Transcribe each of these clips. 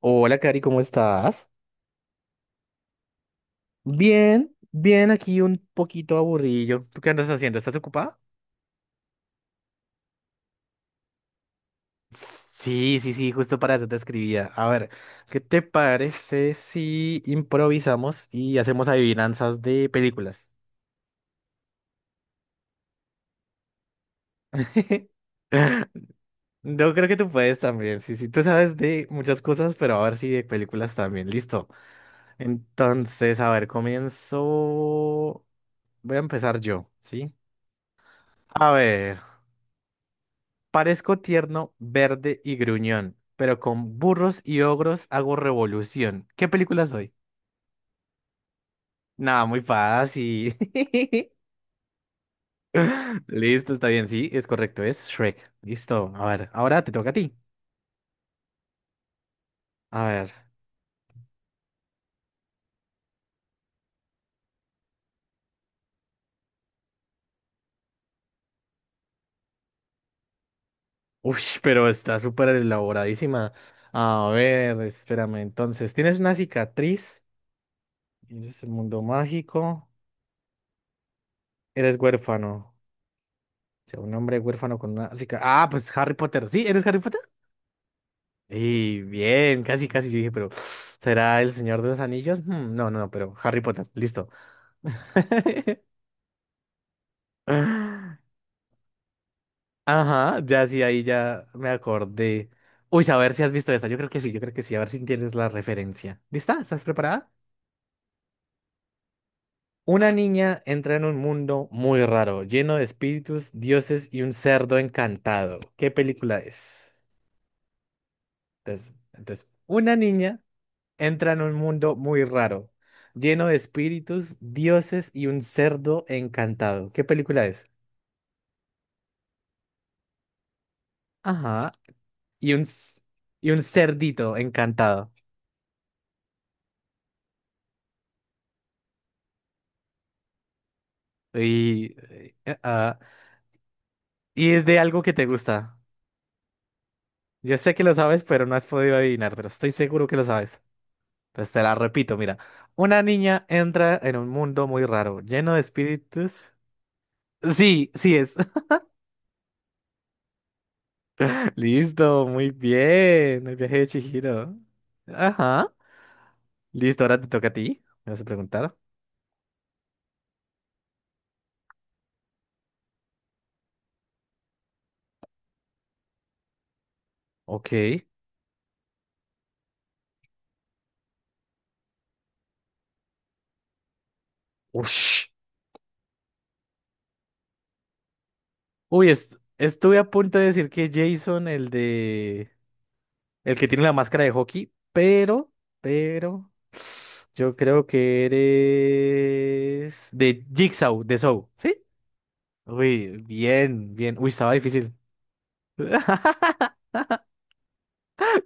Hola, Cari, ¿cómo estás? Bien, bien, aquí un poquito aburrido. ¿Tú qué andas haciendo? ¿Estás ocupada? Sí, sí, sí, justo para eso te escribía. A ver, ¿qué te parece si improvisamos y hacemos adivinanzas de películas? Yo creo que tú puedes también. Sí, sí, tú sabes de muchas cosas, pero a ver si de películas también. Listo. Entonces, a ver, comienzo. Voy a empezar yo, ¿sí? A ver. Parezco tierno, verde y gruñón, pero con burros y ogros hago revolución. ¿Qué película soy? Nada, muy fácil. Listo, está bien, sí, es correcto, es Shrek. Listo, a ver, ahora te toca a ti. A ver. Uff, pero está súper elaboradísima. A ver, espérame, entonces, tienes una cicatriz, eres el mundo mágico, eres huérfano. O sea, un hombre huérfano con una cicatriz. Ah, pues Harry Potter. ¿Sí? ¿Eres Harry Potter? Y bien, casi, casi yo dije, pero ¿será el Señor de los Anillos? Hmm, no, no, no, pero Harry Potter, listo. Ajá, ya sí, ahí ya me acordé. Uy, a ver si has visto esta. Yo creo que sí, yo creo que sí. A ver si entiendes la referencia. ¿Lista? ¿Estás preparada? Una niña entra en un mundo muy raro, lleno de espíritus, dioses y un cerdo encantado. ¿Qué película es? Entonces, una niña entra en un mundo muy raro, lleno de espíritus, dioses y un cerdo encantado. ¿Qué película es? Ajá. Y un, c- y un cerdito encantado. Y, eh, eh, ah, y es de algo que te gusta. Yo sé que lo sabes, pero no has podido adivinar, pero estoy seguro que lo sabes. Entonces te la repito, mira. Una niña entra en un mundo muy raro, lleno de espíritus. Sí, sí es. Listo, muy bien. El viaje de Chihiro. Ajá. Listo, ahora te toca a ti. ¿Me vas a preguntar? Ok. Ush. Uy, estuve a punto de decir que Jason, el que tiene la máscara de hockey, Pero... Yo creo que eres de Jigsaw, de Saw, ¿sí? Uy, bien, bien. Uy, estaba difícil.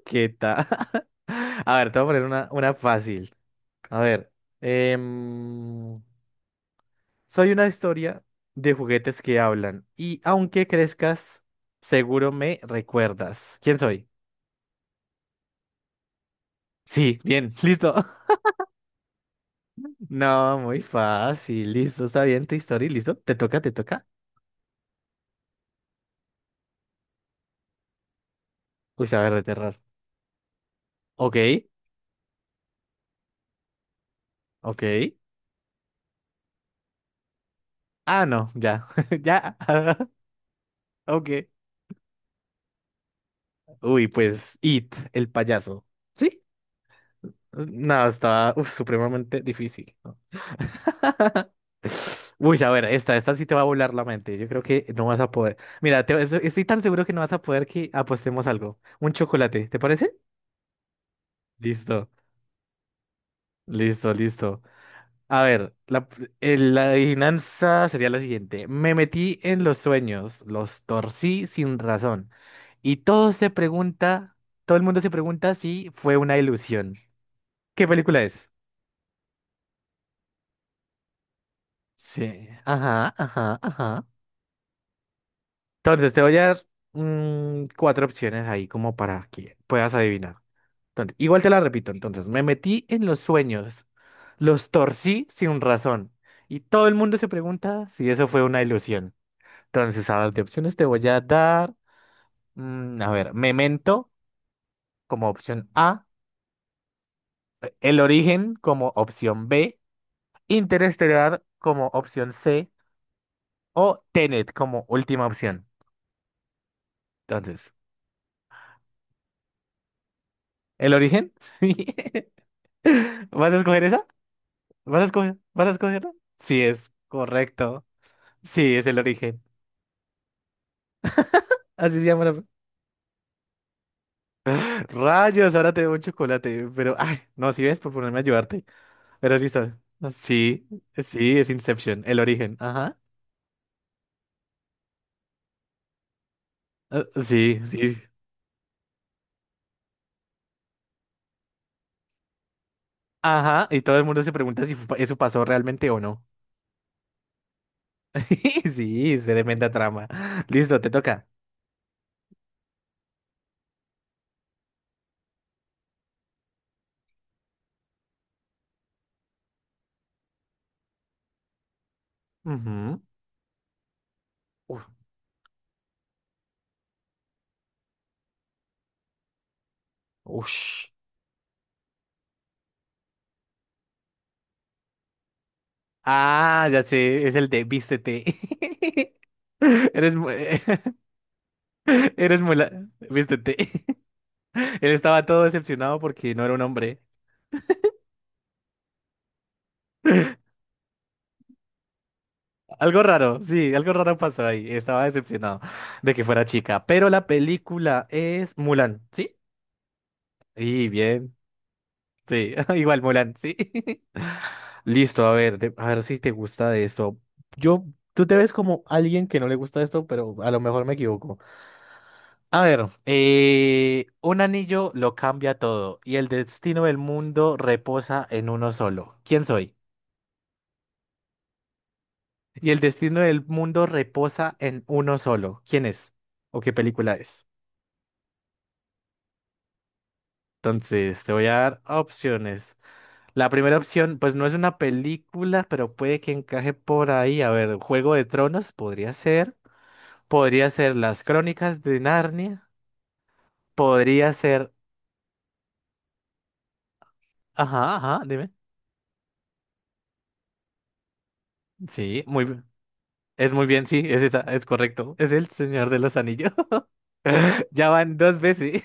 ¿Qué tal? A ver, te voy a poner una fácil. A ver. em, Soy una historia de juguetes que hablan y aunque crezcas, seguro me recuerdas. ¿Quién soy? Sí, bien, listo. No, muy fácil, listo, está bien tu historia, listo. ¿Te toca? Uy, a ver, de terror. Ok, ok. Ah, no, ya, ya. Ok. Uy, pues It, el payaso. Sí. No, estaba uf, supremamente difícil. Uy, a ver, esta sí te va a volar la mente. Yo creo que no vas a poder. Mira, estoy tan seguro que no vas a poder que apostemos algo. Un chocolate, ¿te parece? Listo, listo, listo. A ver, la adivinanza sería la siguiente. Me metí en los sueños, los torcí sin razón. Y todo el mundo se pregunta si fue una ilusión. ¿Qué película es? Sí. Ajá, ajá, ajá. Entonces, te voy a dar cuatro opciones ahí como para que puedas adivinar. Entonces, igual te la repito. Entonces, me metí en los sueños, los torcí sin razón y todo el mundo se pregunta si eso fue una ilusión. Entonces, a ver, de opciones te voy a dar, a ver, Memento como opción A, El Origen como opción B, Interestelar como opción C o Tenet como última opción. Entonces, ¿El Origen? ¿Vas a escoger esa? ¿Vas a escoger? ¿Vas a escogerlo? Sí, es correcto. Sí, es el origen. Así se llama la... Rayos, ahora te debo un chocolate. Pero, ay, no, si ves por ponerme a ayudarte. Pero listo. No Sí, sí, es Inception, el origen. Ajá. Sí, sí. Ajá. Y todo el mundo se pregunta si eso pasó realmente o no. Sí, es tremenda trama. Listo, te toca. Ujú. Uf, ush. Ah, ya sé, es el de vístete. Eres muy... Eres muy... Vístete. Él estaba todo decepcionado porque no era un hombre. Algo raro, sí, algo raro pasó ahí. Estaba decepcionado de que fuera chica. Pero la película es Mulan, ¿sí? Y bien, sí. Igual Mulan, sí. Listo, a ver, a ver si te gusta de esto. Yo, tú te ves como alguien que no le gusta esto, pero a lo mejor me equivoco. A ver, un anillo lo cambia todo y el destino del mundo reposa en uno solo. ¿Quién soy? Y el destino del mundo reposa en uno solo. ¿Quién es? ¿O qué película es? Entonces, te voy a dar opciones. La primera opción, pues no es una película, pero puede que encaje por ahí. A ver, Juego de Tronos podría ser. Podría ser Las Crónicas de Narnia. Podría ser. Ajá, ajá, dime. Sí, muy bien. Es muy bien, sí, es esa, es correcto. Es el Señor de los Anillos. Ya van dos veces.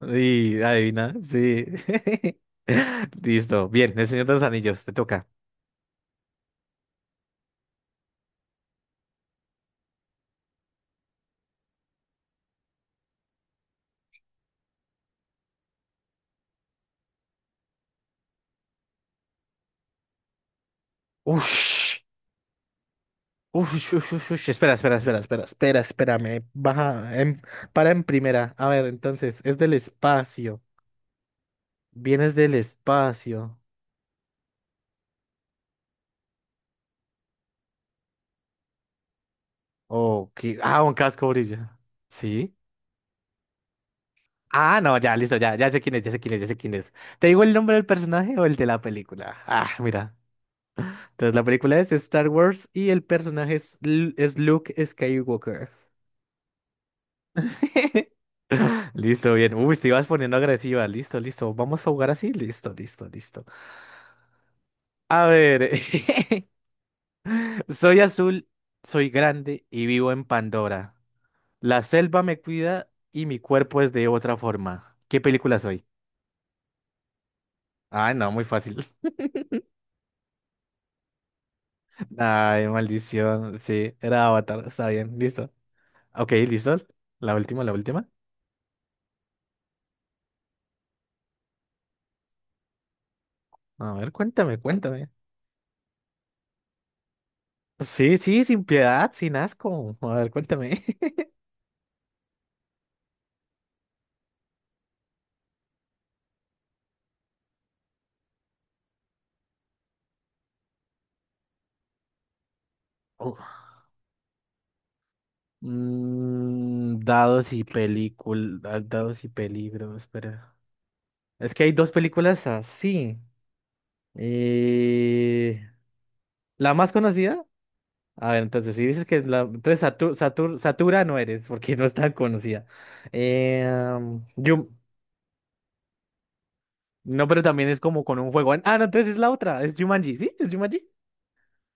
Sí, adivina, sí. Listo. Bien, el Señor de los Anillos, te toca. Ush, ush, ush, ush, ush. Espera, espera, espera, espera, espera, espérame. Baja, para en primera. A ver, entonces, es del espacio. Vienes del espacio. Oh, un casco brilla. ¿Sí? Ah, no, ya, listo, ya, ya sé quién es, ya sé quién es, ya sé quién es. ¿Te digo el nombre del personaje o el de la película? Ah, mira. Entonces, la película es Star Wars y el personaje es Luke Skywalker. Listo, bien. Uy, te ibas poniendo agresiva. Listo, listo. Vamos a jugar así. Listo, listo, listo. A ver. Soy azul, soy grande y vivo en Pandora. La selva me cuida y mi cuerpo es de otra forma. ¿Qué película soy? Ay, no, muy fácil. Ay, maldición. Sí, era Avatar. Está bien, listo. Ok, listo. La última, la última. A ver, cuéntame, cuéntame. Sí, sí, sin piedad, sin asco. A ver, cuéntame. Dados y películas, dados y peligros, espera. Es que hay dos películas así. Eh, la más conocida. A ver, entonces, si dices que la. Entonces, Satura no eres, porque no es tan conocida. Eh, um, Jum- No, pero también es como con un juego. Ah, no, entonces es la otra. Es Jumanji, ¿sí? ¿Es Jumanji?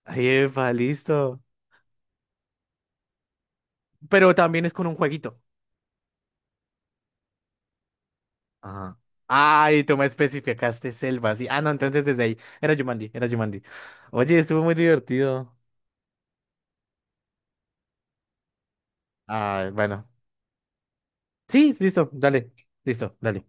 Ahí, epa, listo. Pero también es con un jueguito. Ajá. Ay, tú me especificaste selva, sí. Ah, no, entonces desde ahí. Era Jumanji, era Jumanji. Oye, estuvo muy divertido. Ah, bueno. Sí, listo, dale. Listo, dale.